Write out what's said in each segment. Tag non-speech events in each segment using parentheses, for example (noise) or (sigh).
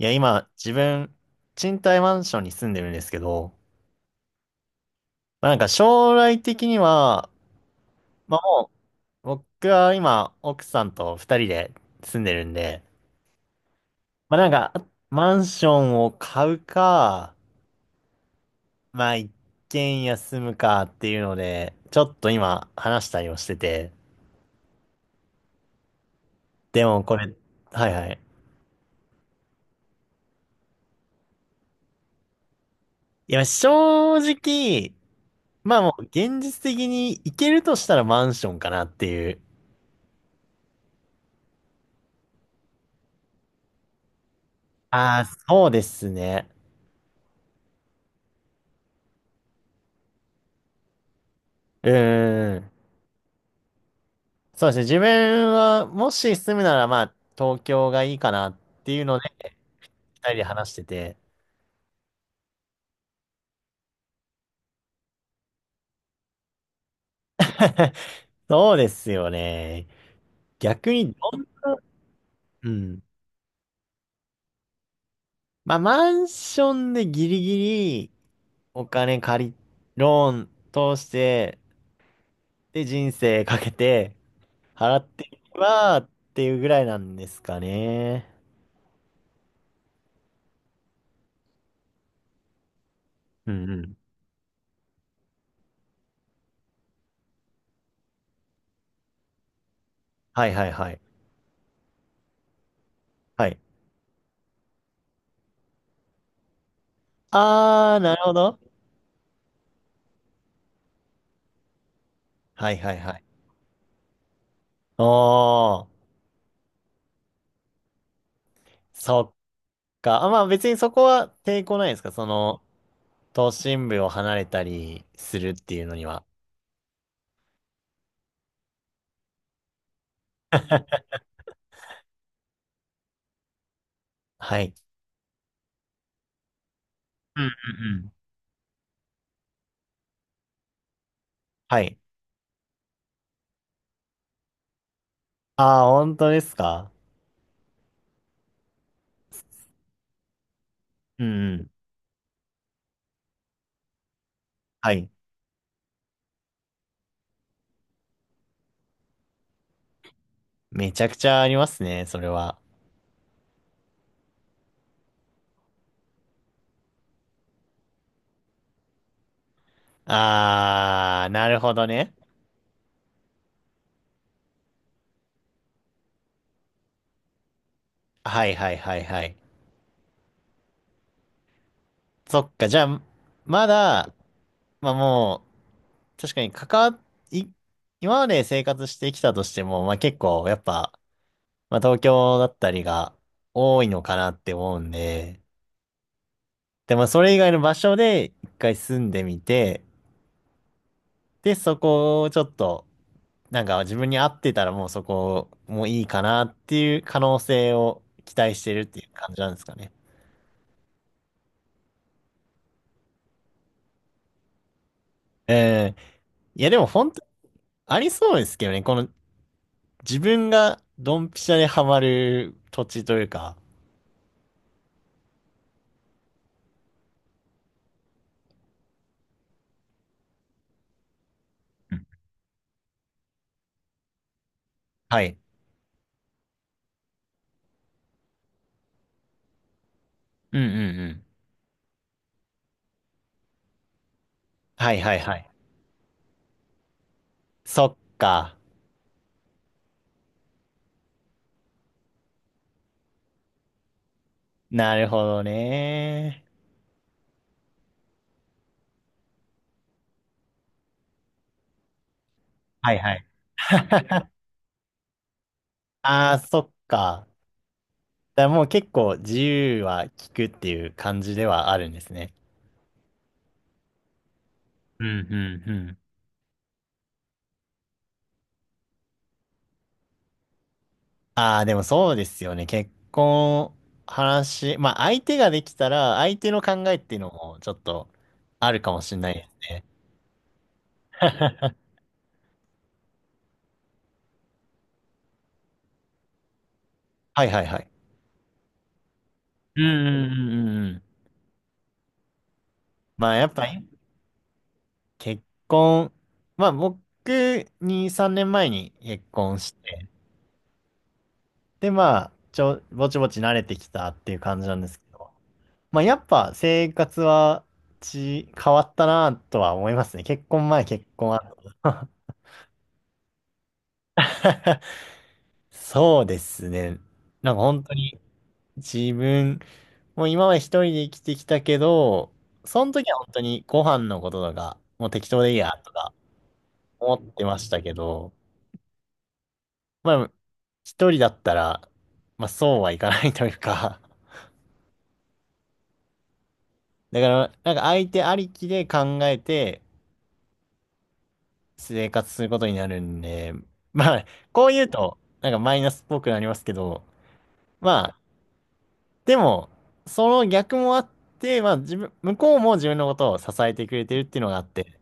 いや、今、自分、賃貸マンションに住んでるんですけど、まあ、なんか将来的には、まあ、もう、僕は今、奥さんと二人で住んでるんで、まあ、なんか、マンションを買うか、まあ、一軒家住むかっていうので、ちょっと今、話したりをしてて、でもこれ。はいはい。いや、正直、まあもう、現実的に行けるとしたらマンションかなっていう。ああ、そうですね。うーん。そうですね。自分は、もし住むなら、まあ、東京がいいかなっていうので、二人で話してて。(laughs) そうですよね。逆にどんな。うん。まあ、マンションでギリギリお金借り、ローン通して、で、人生かけて払っていけばっていうぐらいなんですかね。うんうん。はいはいはい。はい。あー、なるほど。はいはいはい。おー。そっか、あ、まあ別にそこは抵抗ないですかその、都心部を離れたりするっていうのには。はい。うんうんうんはい。ああ、本当ですか。うん。うんうん。はい。めちゃくちゃありますね、それは。ああ、なるほどね。はいはいはいはい。そっか、じゃあ、まだ、まあもう、確かに関わっ、い、今まで生活してきたとしても、まあ結構、やっぱ、まあ東京だったりが多いのかなって思うんで、でもそれ以外の場所で一回住んでみて、で、そこをちょっと、なんか自分に合ってたらもうそこもいいかなっていう可能性を期待してるっていう感じなんですかね。ええ。いやでも本当ありそうですけどね。この自分がドンピシャでハマる土地というか。うん。はい。うんうんうん。はいはいはい。そっか。なるほどね。はいはい。(laughs) ああ、そっか。だからもう結構自由は利くっていう感じではあるんですね。うん、うん、うん。ああ、でもそうですよね。結婚、話、まあ相手ができたら、相手の考えっていうのもちょっとあるかもしれないですね。(laughs) はいはいはい。うん、うん、うん、うんうん。まあやっぱり結婚、まあ僕2、3年前に結婚して、でまあぼちぼち慣れてきたっていう感じなんですけど、まあ、やっぱ生活は変わったなとは思いますね。結婚前、結婚後。(laughs) そうですね。なんか本当に自分、もう今まで一人で生きてきたけど、その時は本当にご飯のこととか、もう適当でいいやとか思ってましたけど、まあ、一人だったら、まあそうはいかないというか、だからなんか相手ありきで考えて、生活することになるんで、まあ、こう言うと、なんかマイナスっぽくなりますけど、まあ、でも、その逆もあって、まあ、自分、向こうも自分のことを支えてくれてるっていうのがあって、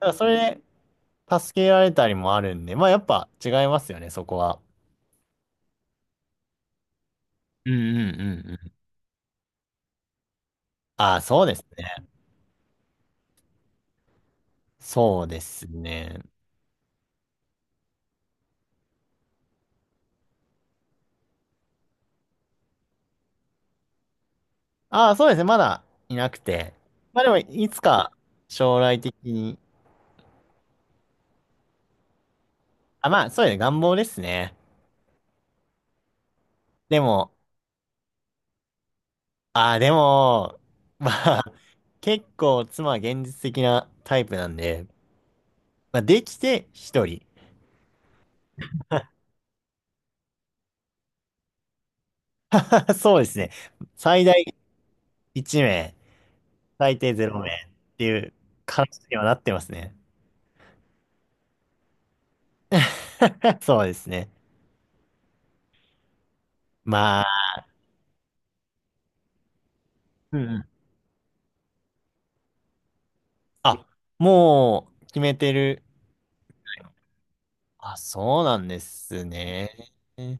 ただそれで助けられたりもあるんで、まあ、やっぱ違いますよね、そこは。うんうんうんうん。ああ、そうですね。そうですね。ああ、そうですね。まだいなくて。まあでも、いつか将来的に。あ、まあ、そうですね。願望ですね。でも、ああ、でも、(laughs) まあ、結構妻は現実的なタイプなんで、まあ、できて1人。(laughs) そうですね。最大1名、最低0名っていう感じにはなってますね。(laughs) そうですね。まあ、うんうん。あ、もう決めてる。あ、そうなんですね。い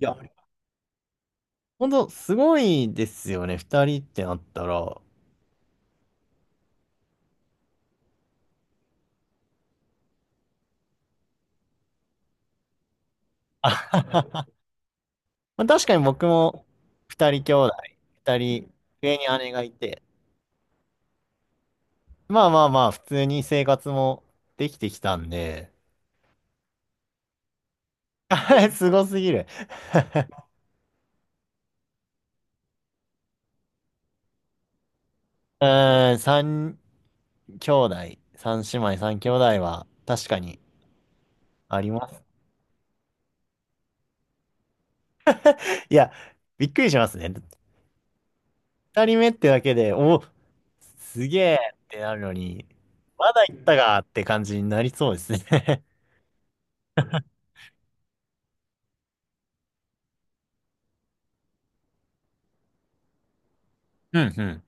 や、ほんとすごいですよね。2人ってなったら。(laughs) まあ、確かに僕も二人兄弟、二人上に姉がいて、まあまあまあ、普通に生活もできてきたんで、(laughs) すごすぎる (laughs) うーん、三兄弟、三姉妹、三兄弟は確かにあります。いや、びっくりしますね。二人目ってだけで、お、すげえってなるのに、まだ行ったかって感じになりそうですね。 (laughs) うんうん。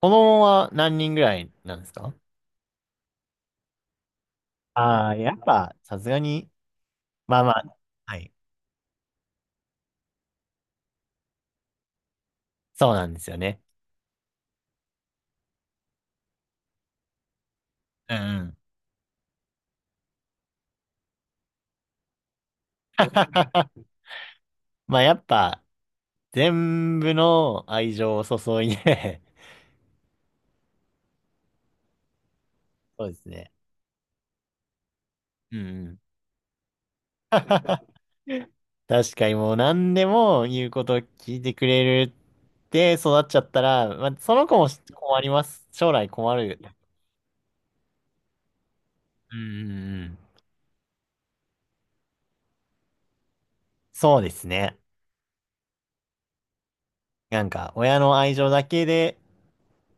子供は何人ぐらいなんですか？ああー、やっぱ、さすがに、まあまあ、はい。そうなんですよね。うんうん。(laughs) まあやっぱ、全部の愛情を注いで。 (laughs) そうですね。うんうん。(laughs) 確かにもう何でも言うことを聞いてくれるって育っちゃったら、まあ、その子も困ります。将来困る。うんうんうん。そうですね。なんか、親の愛情だけで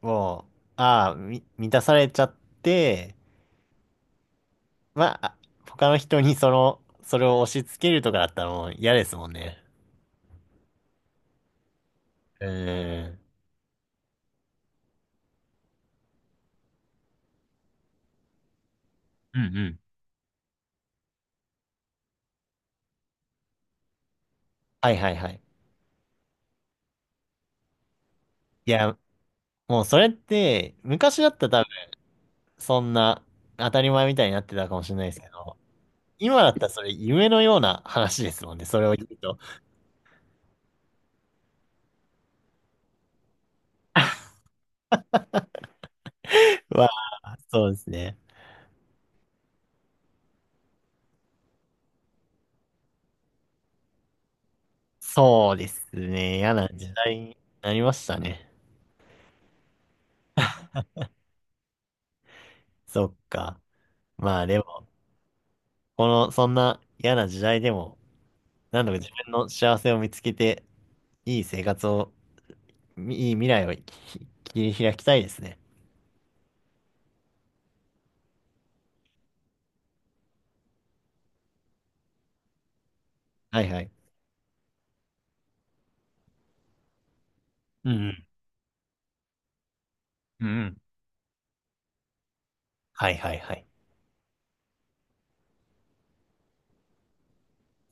もう、ああ、満たされちゃって、まあ、他の人にその、それを押し付けるとかだったらもう嫌ですもんね。うーん。うんうん。はいはいはい。いや、もうそれって、昔だったら多分、そんな当たり前みたいになってたかもしれないですけど、今だったらそれ夢のような話ですもんね、それを言うと。(laughs) わあ、そうですね。そうですね。嫌な時代になりましたね。そっか。まあでも、この、そんな嫌な時代でも、なんとか自分の幸せを見つけて、いい生活をいい未来を切り開きたいですね。はいはい。うん。うんうん。はいはいはい。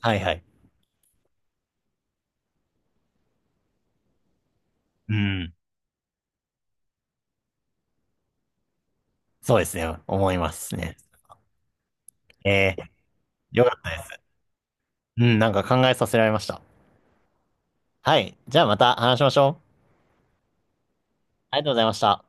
はいはい。うん。そうですね。思いますね。えー、よかったです。うん、なんか考えさせられました。はい。じゃあまた話しましょう。ありがとうございました。